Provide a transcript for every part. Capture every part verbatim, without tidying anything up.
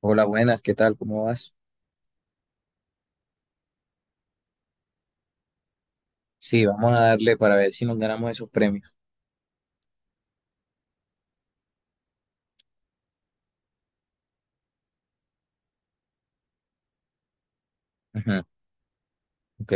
Hola, buenas, ¿qué tal? ¿Cómo vas? Sí, vamos a darle para ver si nos ganamos esos premios. Ujú, ok.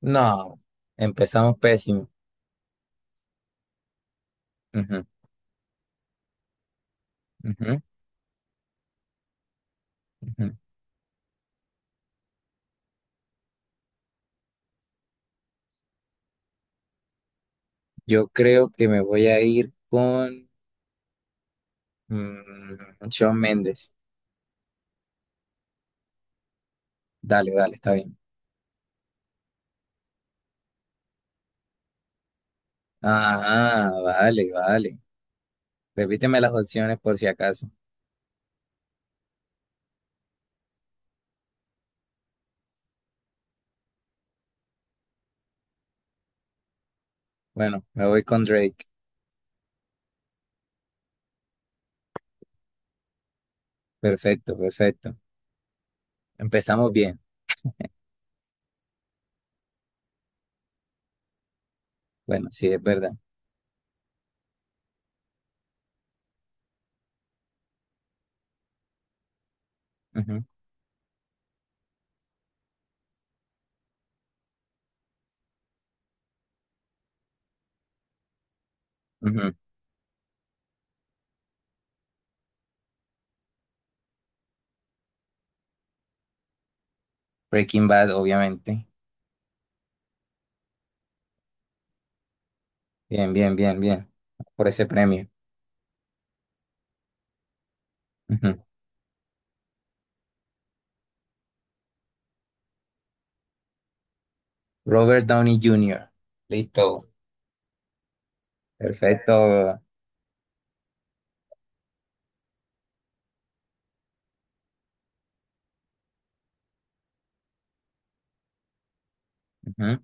No, empezamos pésimo. Ujú, ujú, ujú. Yo creo que me voy a ir con mm, Shawn Méndez. Dale, dale, está bien. Ah, vale, vale. Repíteme las opciones por si acaso. Bueno, me voy con Drake. Perfecto, perfecto. Empezamos bien. Bueno, sí, es verdad. Ujú, ujú. Breaking Bad, obviamente. Bien, bien, bien, bien. Por ese premio. Ujú. Robert Downey júnior Listo. Perfecto. Ujú,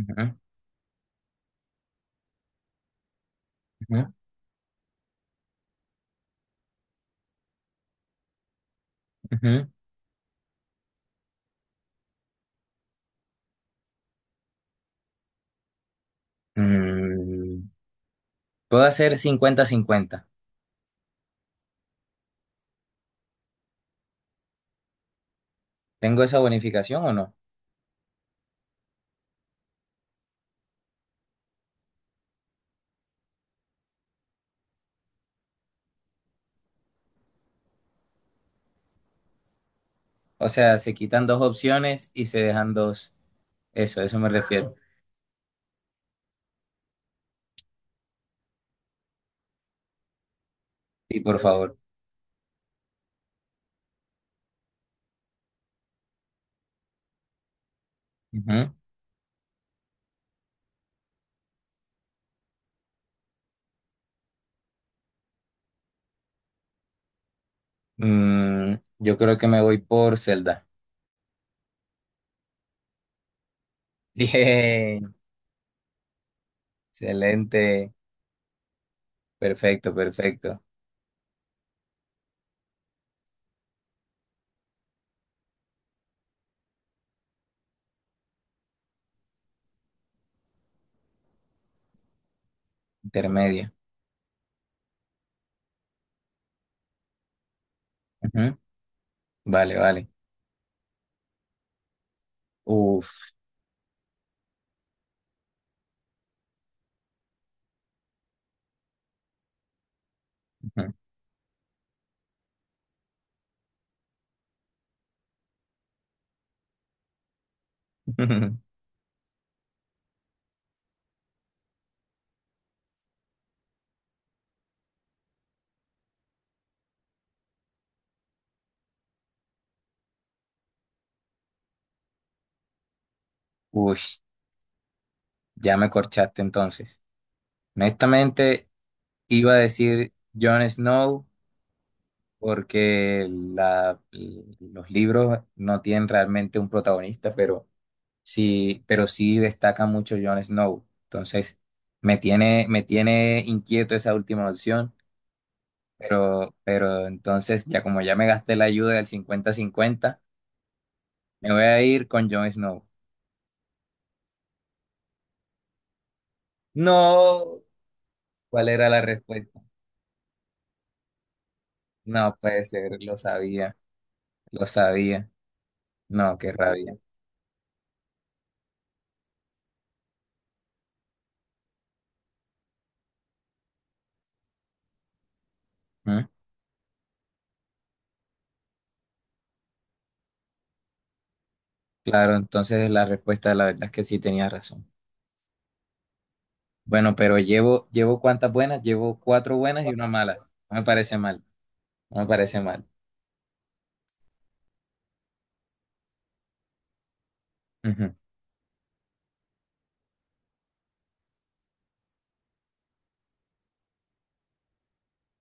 ujú, ujú, ujú. Mm, ¿Puedo hacer cincuenta cincuenta? ¿Tengo esa bonificación o no? O sea, se quitan dos opciones y se dejan dos. Eso, eso me refiero. Y por favor. Ujú. Mm, yo creo que me voy por Zelda. Bien. Excelente. Perfecto, perfecto. Intermedia. Ujú. Vale, vale. Uf. Uy. Ya me corchaste entonces. Honestamente, iba a decir Jon Snow porque la- los libros no tienen realmente un protagonista, pero sí, pero sí destaca mucho Jon Snow. Entonces, me tiene, me tiene inquieto esa última opción, pero, pero entonces, ya como ya me gasté la ayuda del cincuenta-cincuenta, me voy a ir con Jon Snow. No, ¿cuál era la respuesta? No puede ser, lo sabía, lo sabía. No, qué rabia. ¿Mm? Claro, entonces la respuesta, la verdad es que sí tenía razón. Bueno, pero llevo, llevo cuántas buenas, llevo cuatro buenas y una mala. No me parece mal, no me parece mal. Ujú,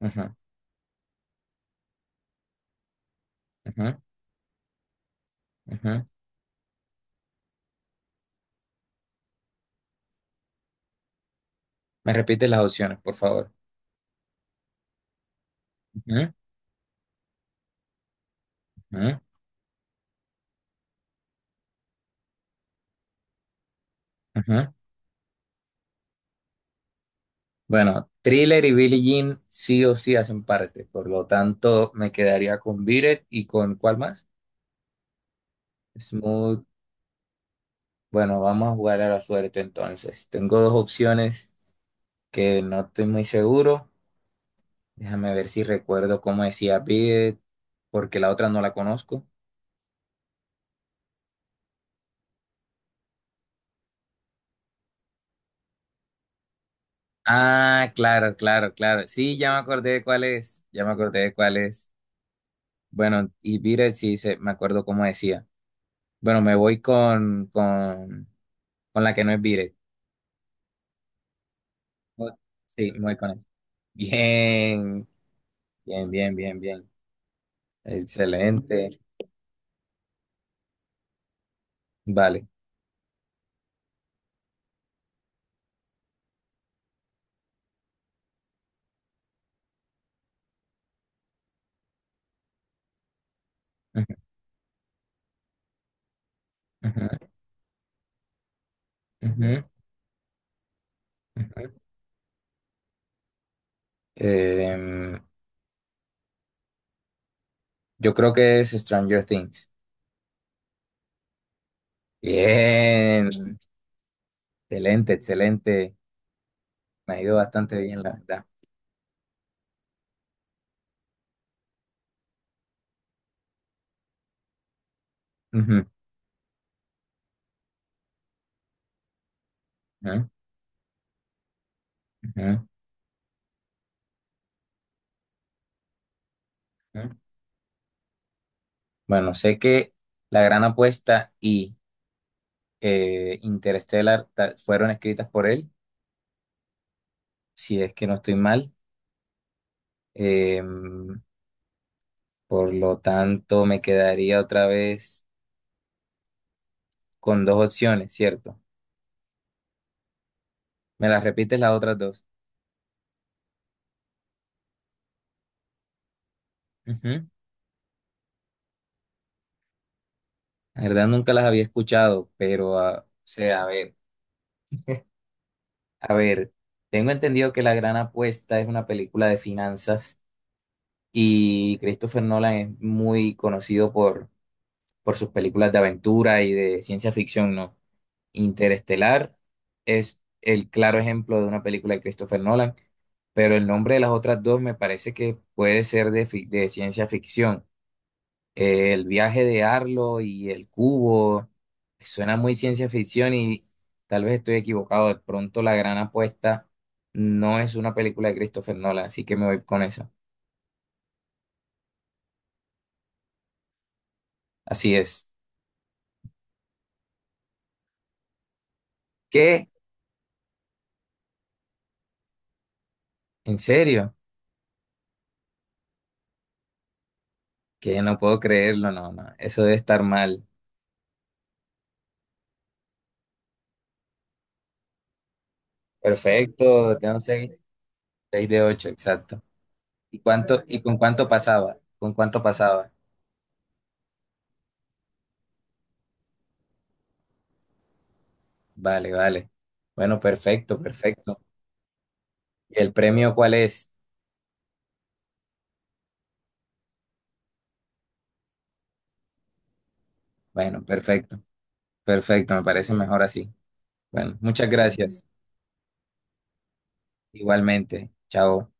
ujú, ujú, ujú. Me repites las opciones, por favor. Ujú, ujú, ujú. Bueno, Thriller y Billie Jean sí o sí hacen parte, por lo tanto me quedaría con Biret y con ¿cuál más? Smooth. Bueno, vamos a jugar a la suerte entonces. Tengo dos opciones que no estoy muy seguro. Déjame ver si recuerdo cómo decía Bid, porque la otra no la conozco. Ah, claro, claro, claro. Sí, ya me acordé de cuál es. Ya me acordé de cuál es. Bueno, y Biret sí se, me acuerdo cómo decía. Bueno, me voy con, con, con la que no es Biret. Bu- Sí, me voy con él. Bien, bien, bien, bien, bien. Excelente. Vale. Ujú, ujú, ujú, ujú. Em, yo creo que es Stranger Things. Bien. Excelente, excelente. Me ha ido bastante bien, la verdad. Ujú, ujú, ujú, ujú. Bueno, sé que La Gran Apuesta y eh, Interstellar ta- fueron escritas por él, si es que no estoy mal. Em, por lo tanto, me quedaría otra vez con dos opciones, ¿cierto? ¿Me las repites las otras dos? Ujú. La verdad, nunca las había escuchado, pero, ah, o sea, a ver. A ver, tengo entendido que La Gran Apuesta es una película de finanzas y Christopher Nolan es muy conocido por, por sus películas de aventura y de ciencia ficción, ¿no? Interestelar es el claro ejemplo de una película de Christopher Nolan, pero el nombre de las otras dos me parece que puede ser de, fi- de ciencia ficción. Eh, El viaje de Arlo y el cubo suena muy ciencia ficción y tal vez estoy equivocado. De pronto La Gran Apuesta no es una película de Christopher Nolan, así que me voy con esa. Así es. ¿Qué ¿En serio? Que no puedo creerlo, no, no. Eso debe estar mal. Perfecto, tengo seis, seis de ocho, exacto. ¿Y cuánto, y con cuánto pasaba? ¿Con cuánto pasaba? Vale, vale. Bueno, perfecto, perfecto. ¿Y el premio cuál es? Bueno, perfecto, perfecto, me parece mejor así. Bueno, muchas gracias. Igualmente. Chao.